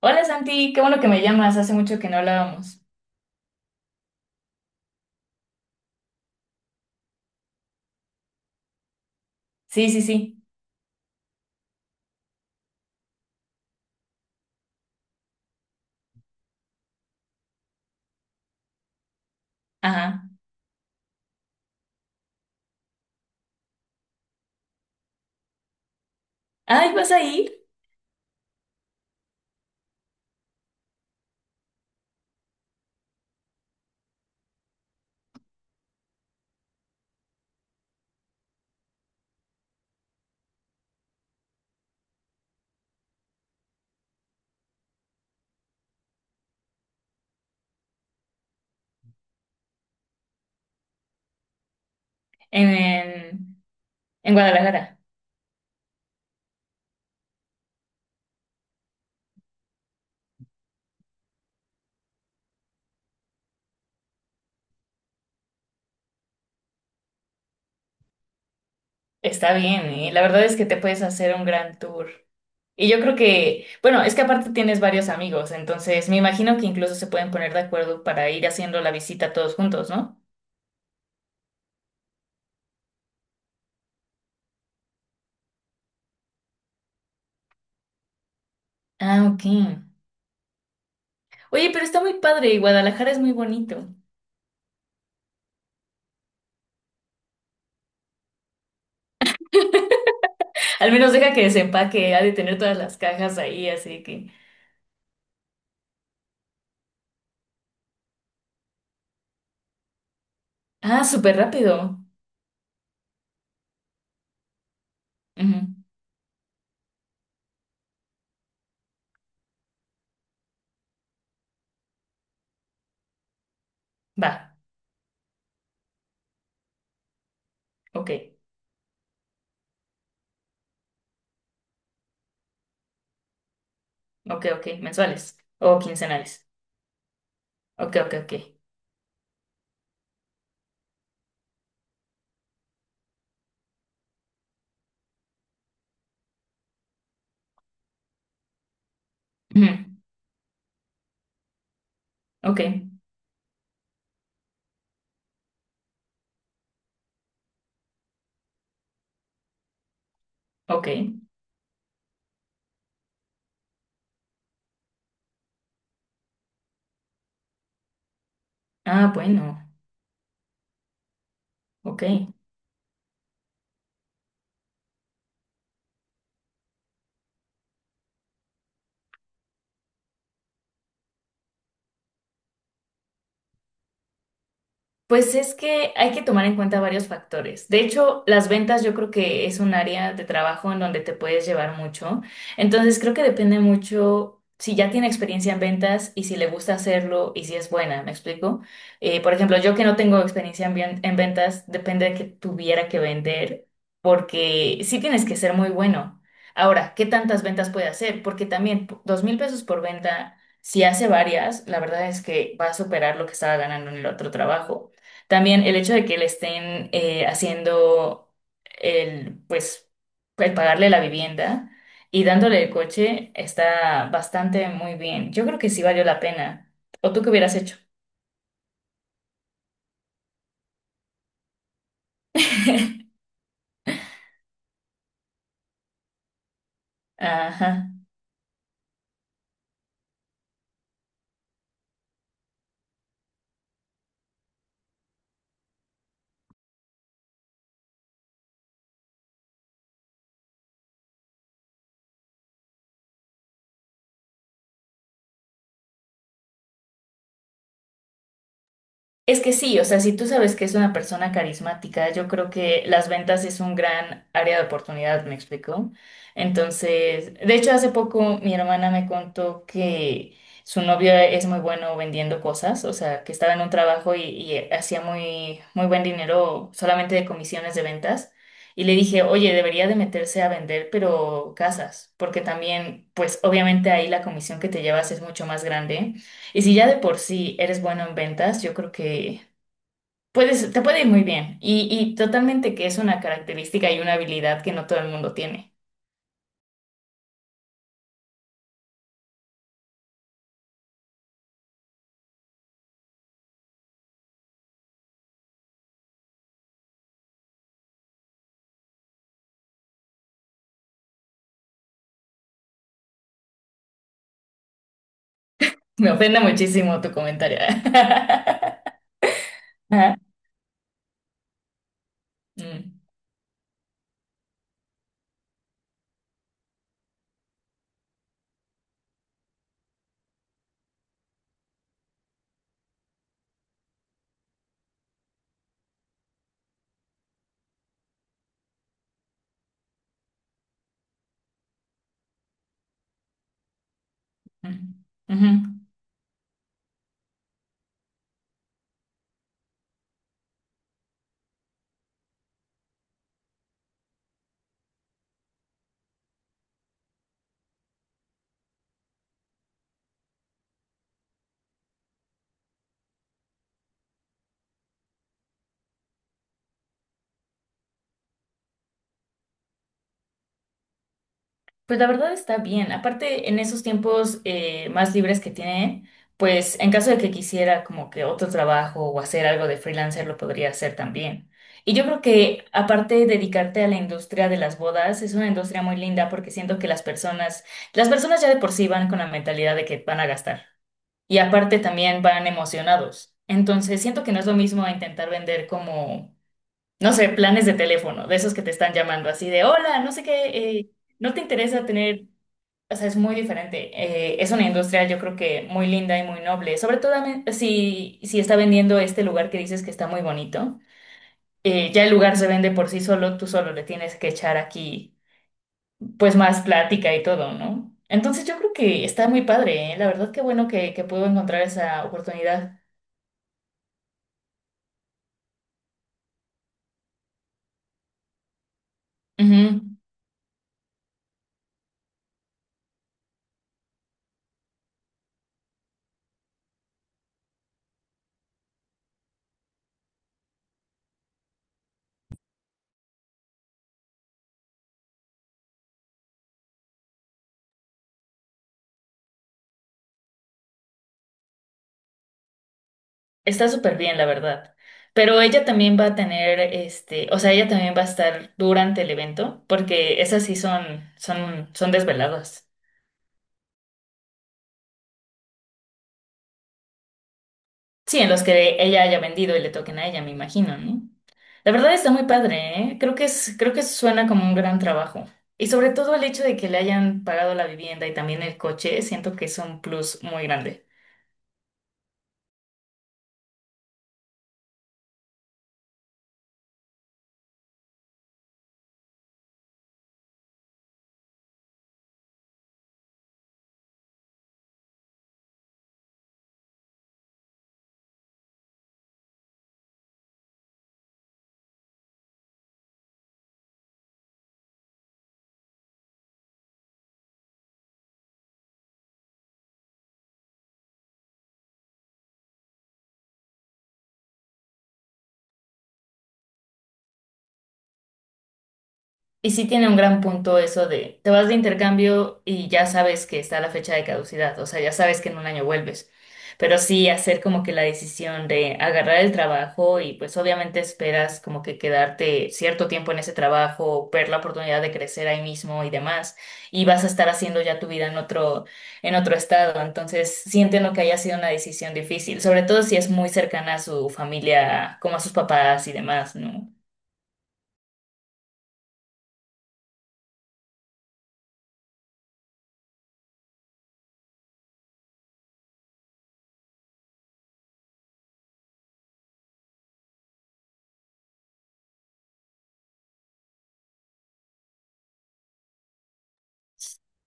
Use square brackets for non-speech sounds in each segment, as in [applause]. Hola Santi, qué bueno que me llamas, hace mucho que no hablábamos. Sí, sí, sí, ajá. Ay, ¿vas a ir? En, en, en Guadalajara. Está bien, ¿eh? La verdad es que te puedes hacer un gran tour. Y yo creo que, bueno, es que aparte tienes varios amigos, entonces me imagino que incluso se pueden poner de acuerdo para ir haciendo la visita todos juntos, ¿no? Ah, ok. Oye, pero está muy padre y Guadalajara es muy bonito. [laughs] Al menos deja que desempaque, ha de tener todas las cajas ahí, así que... Ah, súper rápido. Ujú, va, ok. Ok, ok, mensuales o quincenales. Ok, ok, ok. Ujú, ok, ok. Ah, bueno, ok. Pues es que hay que tomar en cuenta varios factores. De hecho, las ventas yo creo que es un área de trabajo en donde te puedes llevar mucho. Entonces, creo que depende mucho si ya tiene experiencia en ventas y si le gusta hacerlo y si es buena, ¿me explico? Por ejemplo, yo que no tengo experiencia en, en ventas, depende de que tuviera que vender porque sí tienes que ser muy bueno. Ahora, ¿qué tantas ventas puede hacer? Porque también 2.000 pesos por venta, si hace varias, la verdad es que va a superar lo que estaba ganando en el otro trabajo. También el hecho de que le estén haciendo el, pues, el pagarle la vivienda y dándole el coche está bastante muy bien. Yo creo que sí valió la pena. ¿O tú qué hubieras hecho? [laughs] Ajá. Es que sí, o sea, si tú sabes que es una persona carismática, yo creo que las ventas es un gran área de oportunidad, ¿me explico? Entonces, de hecho, hace poco mi hermana me contó que su novio es muy bueno vendiendo cosas, o sea, que estaba en un trabajo y hacía muy, muy buen dinero solamente de comisiones de ventas. Y le dije, oye, debería de meterse a vender, pero casas, porque también, pues obviamente ahí la comisión que te llevas es mucho más grande. Y si ya de por sí eres bueno en ventas, yo creo que puedes, te puede ir muy bien. Y totalmente que es una característica y una habilidad que no todo el mundo tiene. [laughs] Me ofende muchísimo tu comentario. [laughs] Ajá. Mm, mm, ujú. Pues la verdad está bien. Aparte, en esos tiempos más libres que tiene, pues en caso de que quisiera como que otro trabajo o hacer algo de freelancer, lo podría hacer también. Y yo creo que aparte dedicarte a la industria de las bodas, es una industria muy linda porque siento que las personas ya de por sí van con la mentalidad de que van a gastar. Y aparte también van emocionados. Entonces, siento que no es lo mismo a intentar vender como, no sé, planes de teléfono, de esos que te están llamando así de, hola, no sé qué. eh, ¿No te interesa tener...? O sea, es muy diferente. Es una industria, yo creo que muy linda y muy noble. Sobre todo si está vendiendo este lugar que dices que está muy bonito. Ya el lugar se vende por sí solo, tú solo le tienes que echar aquí, pues más plática y todo, ¿no? Entonces yo creo que está muy padre, ¿eh? La verdad, qué bueno que pudo encontrar esa oportunidad. Ujú. Está súper bien, la verdad. Pero ella también va a tener, este, o sea, ella también va a estar durante el evento, porque esas sí son, son desveladas. Sí, en los que ella haya vendido y le toquen a ella, me imagino, ¿no? La verdad está muy padre, ¿eh? Creo que suena como un gran trabajo. Y sobre todo el hecho de que le hayan pagado la vivienda y también el coche, siento que es un plus muy grande. Y sí tiene un gran punto eso de, te vas de intercambio y ya sabes que está la fecha de caducidad, o sea, ya sabes que en un año vuelves. Pero sí hacer como que la decisión de agarrar el trabajo y pues obviamente esperas como que quedarte cierto tiempo en ese trabajo, ver la oportunidad de crecer ahí mismo y demás, y vas a estar haciendo ya tu vida en otro estado. Entonces, sí entiendo que haya sido una decisión difícil, sobre todo si es muy cercana a su familia, como a sus papás y demás, ¿no?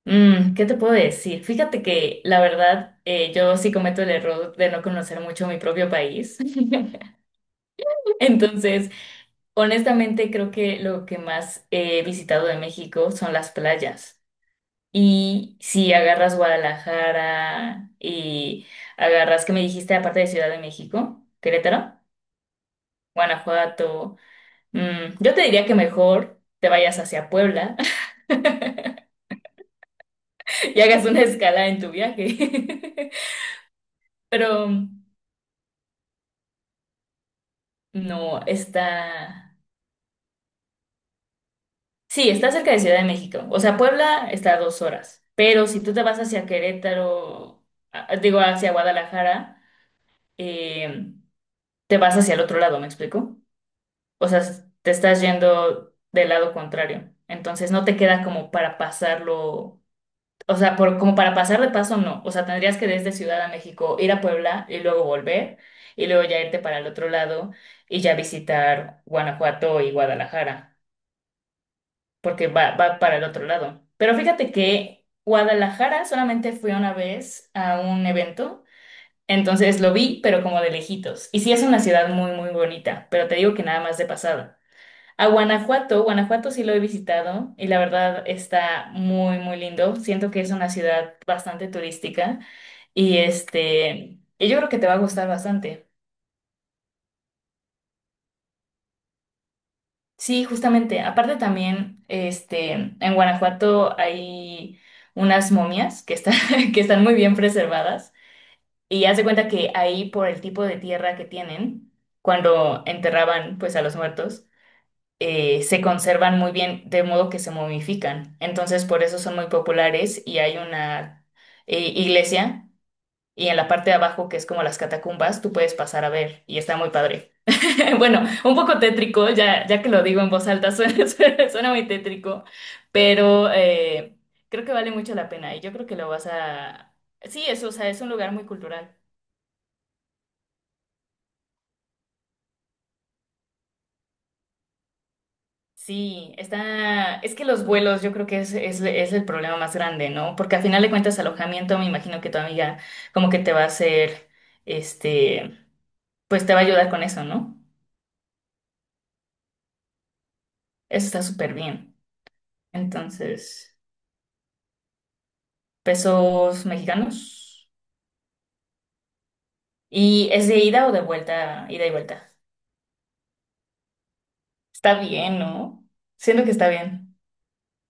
Mm, ¿qué te puedo decir? Fíjate que la verdad yo sí cometo el error de no conocer mucho mi propio país. [laughs] Entonces, honestamente creo que lo que más he visitado de México son las playas. Y si agarras Guadalajara y agarras, ¿que me dijiste aparte de Ciudad de México? Querétaro. Guanajuato. Yo te diría que mejor te vayas hacia Puebla [laughs] y hagas una escala en tu viaje. [laughs] Pero... No, está... Sí, está cerca de Ciudad de México. O sea, Puebla está a 2 horas. Pero si tú te vas hacia Querétaro, digo, hacia Guadalajara, eh, te vas hacia el otro lado, ¿me explico? O sea, te estás yendo del lado contrario. Entonces no te queda como para pasarlo, o sea, por, como para pasar de paso, no. O sea, tendrías que desde Ciudad de México ir a Puebla y luego volver y luego ya irte para el otro lado y ya visitar Guanajuato y Guadalajara. Porque va, va para el otro lado. Pero fíjate que Guadalajara solamente fui una vez a un evento, entonces lo vi, pero como de lejitos. Y sí es una ciudad muy, muy bonita, pero te digo que nada más de pasada. A Guanajuato, Guanajuato sí lo he visitado y la verdad está muy, muy lindo. Siento que es una ciudad bastante turística y este, y yo creo que te va a gustar bastante. Sí, justamente. Aparte también, este, en Guanajuato hay unas momias que están, [laughs] que están muy bien preservadas. Y haz de cuenta que ahí, por el tipo de tierra que tienen, cuando enterraban pues a los muertos, se conservan muy bien, de modo que se momifican. Entonces, por eso son muy populares y hay una iglesia y en la parte de abajo, que es como las catacumbas, tú puedes pasar a ver y está muy padre. [laughs] Bueno, un poco tétrico, ya que lo digo en voz alta, suena, [laughs] suena muy tétrico, pero creo que vale mucho la pena y yo creo que lo vas a... Sí, es, o sea, es un lugar muy cultural. Sí, está... Es que los vuelos yo creo que es, es el problema más grande, ¿no? Porque al final de cuentas alojamiento, me imagino que tu amiga como que te va a hacer, este, pues te va a ayudar con eso, ¿no? Eso está súper bien. Entonces, pesos mexicanos. ¿Y es de ida o de vuelta? Ida y vuelta. Está bien, ¿no? Siento que está bien.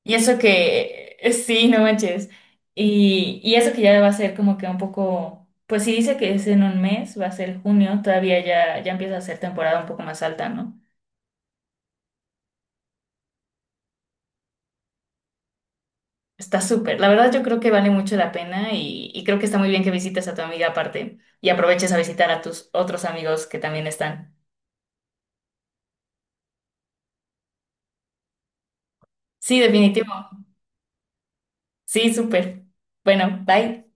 Y eso que, [laughs] sí, no manches. Y eso que ya va a ser como que un poco, pues si dice que es en un mes, va a ser junio, todavía ya empieza a ser temporada un poco más alta, ¿no? Está súper. La verdad yo creo que vale mucho la pena y creo que está muy bien que visites a tu amiga aparte y aproveches a visitar a tus otros amigos que también están. Sí, definitivo. Sí, súper. Bueno, bye.